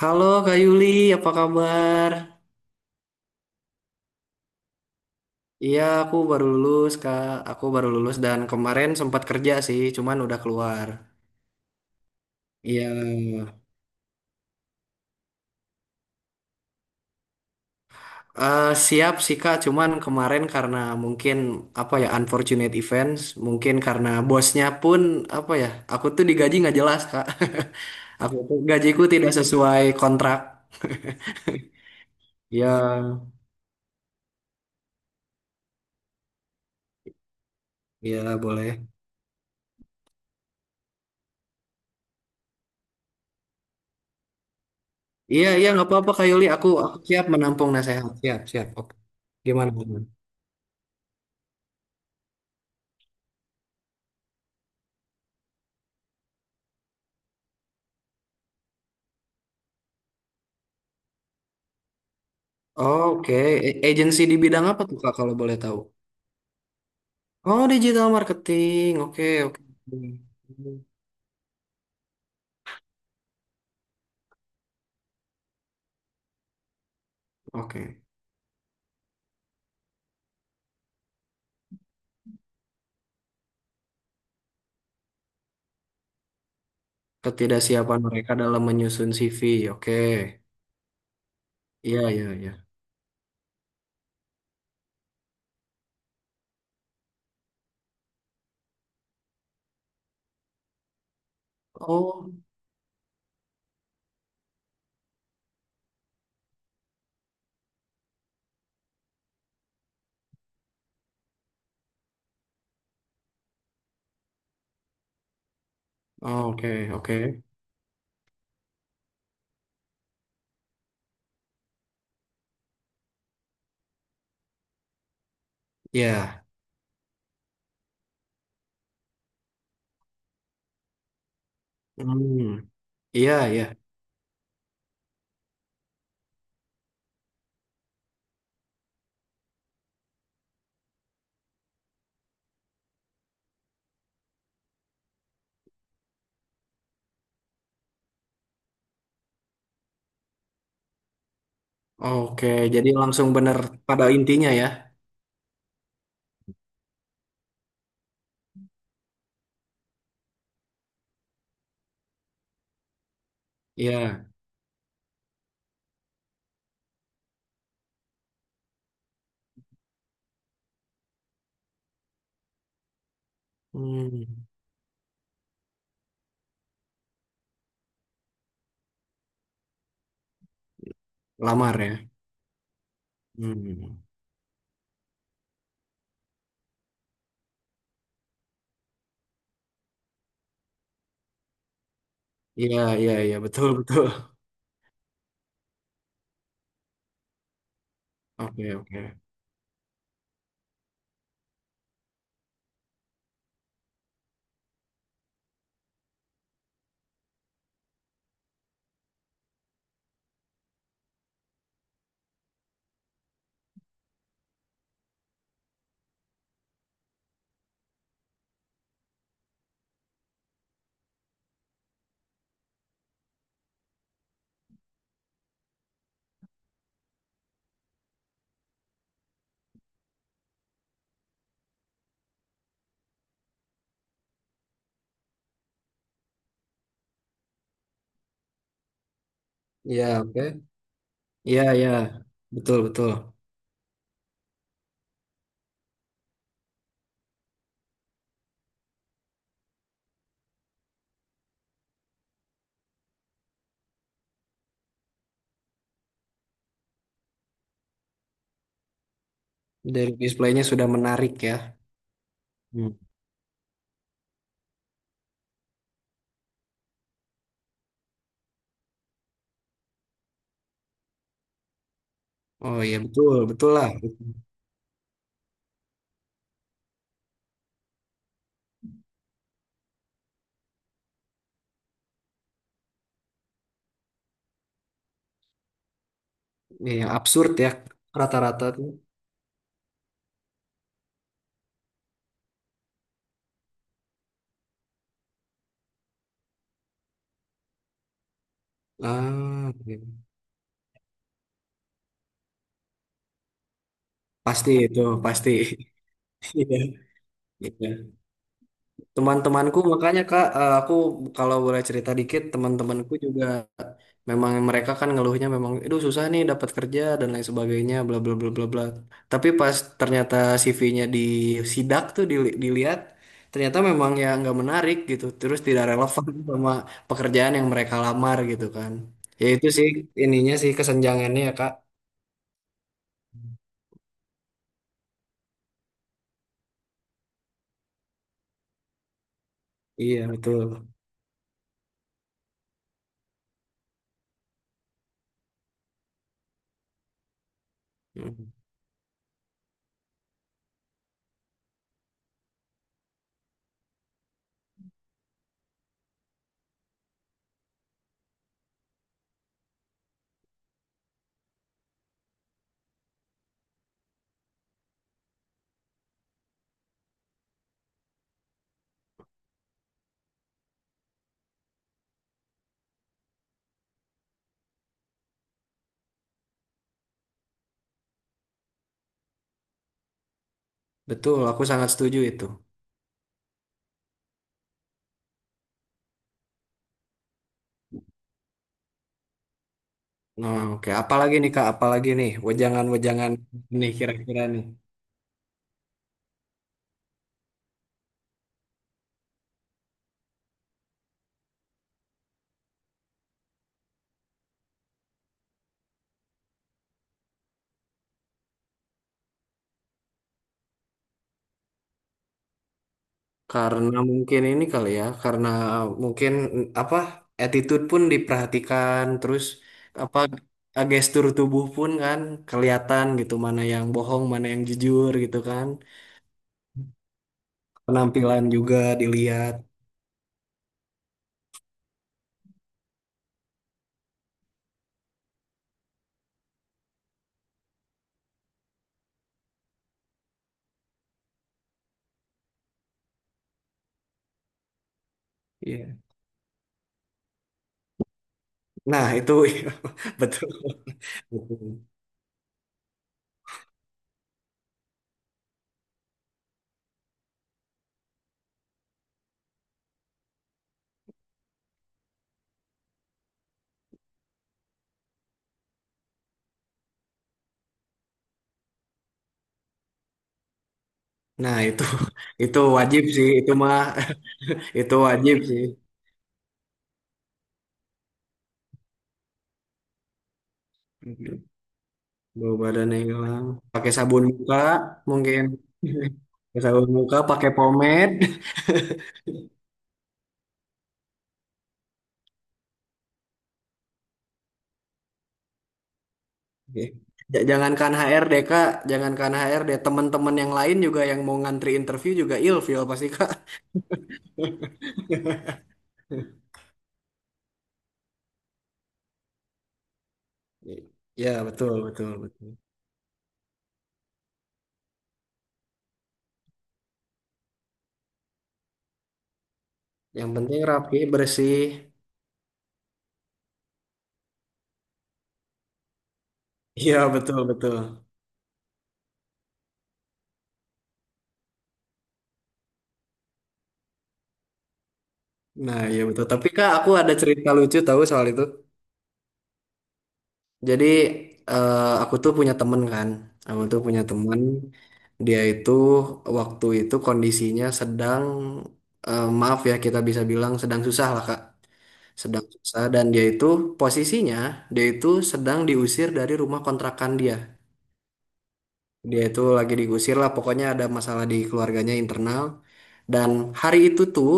Halo Kak Yuli, apa kabar? Iya, aku baru lulus, Kak. Aku baru lulus dan kemarin sempat kerja sih, cuman udah keluar. Iya, siap sih Kak, cuman kemarin karena mungkin apa ya unfortunate events, mungkin karena bosnya pun apa ya, aku tuh digaji nggak jelas Kak. Aku tuh gajiku tidak sesuai kontrak. Iya, iya boleh. Iya, iya nggak apa-apa Kak Yuli, aku siap menampung nasihat. Siap, siap. Oke. Gimana? Oke. Agency di bidang apa tuh Kak kalau boleh tahu? Oh, digital marketing. Oke, oke. Oke. Ketidaksiapan mereka dalam menyusun CV. Oke. Iya, iya, iya. Oh, oh, oke, oke. Iya. Hmm. Iya, iya. Oke, jadi langsung benar pada intinya ya. Iya. Hmm. Lamar ya. Hmm. Iya, iya, iya, betul, betul. Oke, oke. Iya, oke. Iya, iya. Betul, betul. Dari displaynya sudah menarik ya. Hmm. Oh iya betul, betul lah. Iya, absurd ya rata-rata tuh. Ah, iya. Pasti itu, pasti. Iya, iya. Teman-temanku makanya Kak, aku kalau boleh cerita dikit, teman-temanku juga memang mereka kan ngeluhnya memang, aduh susah nih dapat kerja dan lain sebagainya, bla bla bla bla bla. Tapi pas ternyata CV-nya disidak tuh dilihat, ternyata memang ya nggak menarik gitu, terus tidak relevan sama pekerjaan yang mereka lamar gitu kan. Ya itu sih ininya sih kesenjangannya ya Kak. Iya betul. Mm. Betul, aku sangat setuju itu. Nah, oke. Apalagi nih Kak, apalagi nih wejangan-wejangan nih kira-kira nih. Karena mungkin ini kali ya, karena mungkin apa attitude pun diperhatikan, terus apa gestur tubuh pun kan kelihatan gitu mana yang bohong, mana yang jujur gitu kan. Penampilan juga dilihat. Iya. Nah, itu. Betul. Betul. Nah, itu wajib sih, itu mah. Itu wajib sih. Bau badan yang hilang, pakai sabun muka mungkin. Pakai sabun muka pakai pomade. Oke. Jangankan HRD kak, jangankan HRD teman-teman yang lain juga yang mau ngantri interview juga ilfil pasti kak. Ya betul betul betul. Yang penting rapi bersih. Iya betul betul. Nah iya betul tapi kak aku ada cerita lucu tahu soal itu. Jadi eh, aku tuh punya temen kan, aku tuh punya temen dia itu waktu itu kondisinya sedang maaf ya kita bisa bilang sedang susah lah Kak, sedang susah dan dia itu posisinya dia itu sedang diusir dari rumah kontrakan dia. Dia itu lagi digusir lah, pokoknya ada masalah di keluarganya internal. Dan hari itu tuh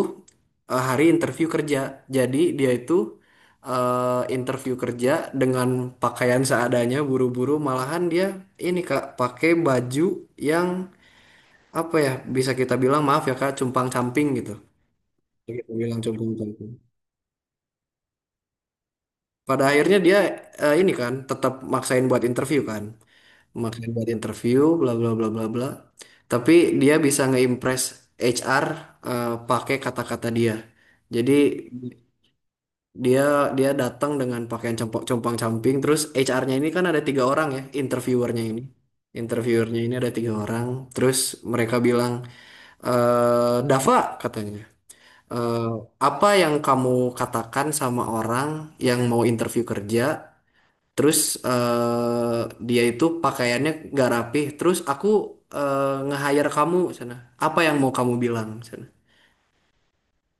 hari interview kerja. Jadi dia itu interview kerja dengan pakaian seadanya, buru-buru. Malahan dia ini Kak, pakai baju yang apa ya, bisa kita bilang maaf ya Kak, cumpang-camping gitu. Kita bilang cumpang-camping. Pada akhirnya dia ini kan tetap maksain buat interview kan, makanya buat interview bla bla bla bla bla tapi dia bisa ngeimpress HR pakai kata-kata dia. Jadi dia dia datang dengan pakaian compang-camping terus HR-nya ini kan ada tiga orang ya interviewernya ini. Interviewernya ini ada tiga orang terus mereka bilang, eh Dava, katanya, eh, apa yang kamu katakan sama orang yang mau interview kerja. Terus eh dia itu pakaiannya nggak rapih. Terus aku eh, nge-hire kamu sana. Apa yang mau kamu bilang sana?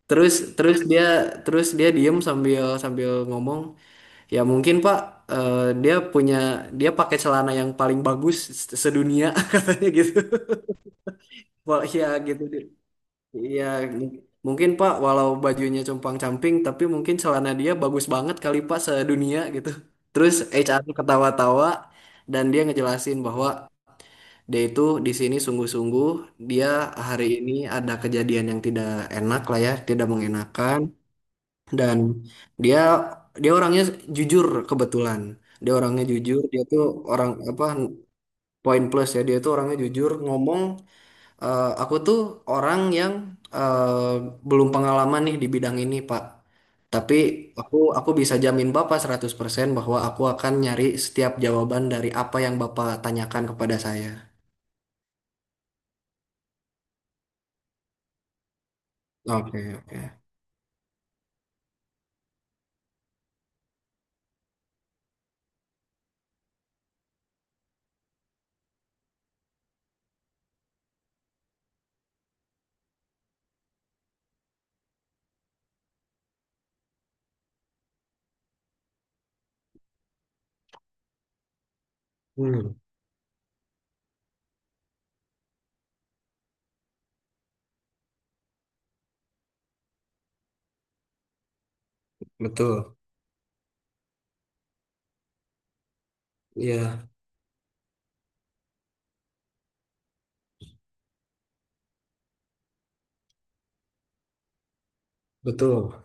Terus terus dia terus dia diem sambil sambil ngomong. Ya mungkin Pak eh, dia punya dia pakai celana yang paling bagus sedunia katanya gitu. Wah, ya gitu. Ya mung- mungkin Pak walau bajunya compang-camping tapi mungkin celana dia bagus banget kali Pak sedunia gitu. Terus HR ketawa-tawa dan dia ngejelasin bahwa dia itu di sini sungguh-sungguh. Dia hari ini ada kejadian yang tidak enak lah ya, tidak mengenakan. Dan dia dia orangnya jujur kebetulan. Dia orangnya jujur. Dia tuh orang apa, poin plus ya. Dia tuh orangnya jujur ngomong. "Eh, aku tuh orang yang eh, belum pengalaman nih di bidang ini, Pak. Tapi aku bisa jamin Bapak 100% bahwa aku akan nyari setiap jawaban dari apa yang Bapak tanyakan kepada saya. Oke, oke. Hmm, betul. Iya, betul.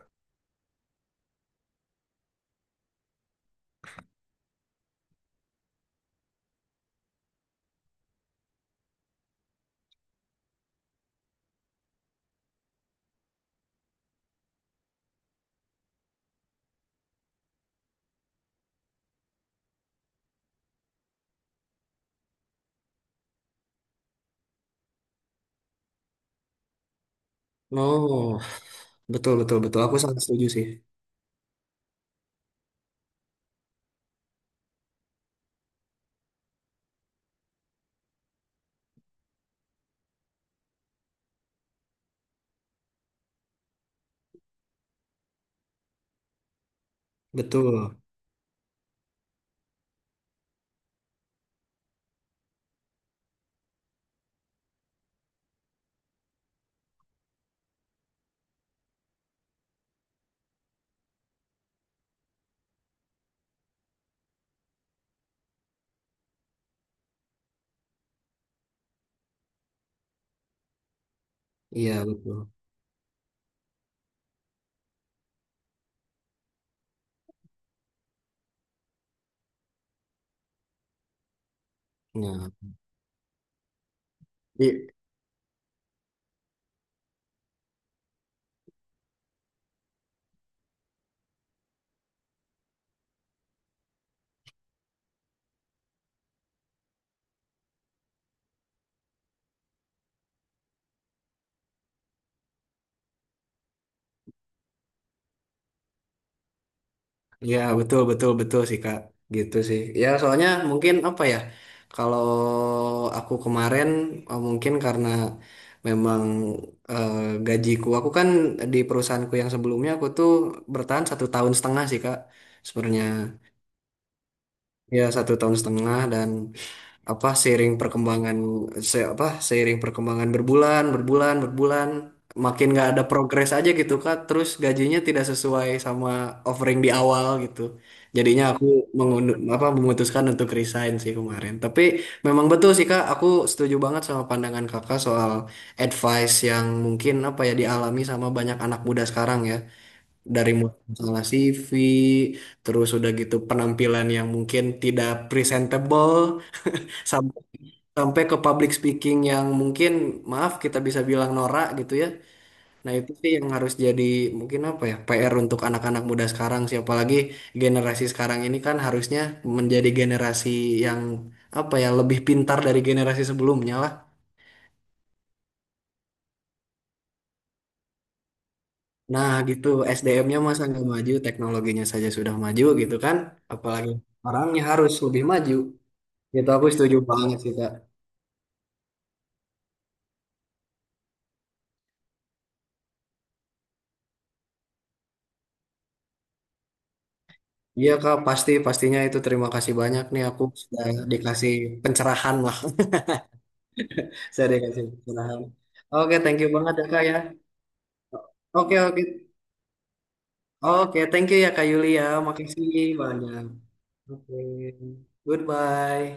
Oh, betul, betul, betul. Aku sangat setuju sih. Betul. Iya, betul. Nah, i- iya, betul, betul, betul sih, Kak. Gitu sih. Ya, soalnya mungkin apa ya, kalau aku kemarin mungkin karena memang eh, gajiku, aku kan di perusahaanku yang sebelumnya aku tuh bertahan satu tahun setengah sih, Kak. Sebenarnya, ya satu tahun setengah dan apa seiring perkembangan se apa seiring perkembangan berbulan berbulan berbulan makin nggak ada progres aja gitu Kak terus gajinya tidak sesuai sama offering di awal gitu, jadinya aku mengundur, apa memutuskan untuk resign sih kemarin tapi memang betul sih Kak aku setuju banget sama pandangan Kakak soal advice yang mungkin apa ya dialami sama banyak anak muda sekarang ya dari mulai masalah CV terus udah gitu penampilan yang mungkin tidak presentable sampai ke public speaking yang mungkin maaf kita bisa bilang norak gitu ya. Nah, itu sih yang harus jadi mungkin apa ya PR untuk anak-anak muda sekarang sih apalagi generasi sekarang ini kan harusnya menjadi generasi yang apa ya lebih pintar dari generasi sebelumnya lah. Nah, gitu SDM-nya masa nggak maju, teknologinya saja sudah maju gitu kan. Apalagi orangnya harus lebih maju. Gitu aku setuju banget sih, Kak. Iya, Kak, pasti pastinya itu terima kasih banyak nih aku sudah dikasih pencerahan lah. Saya dikasih pencerahan. Oke, thank you banget ya Kak ya. Oke, oke. Oke, thank you ya Kak Yulia. Makasih banyak. Oke. Goodbye.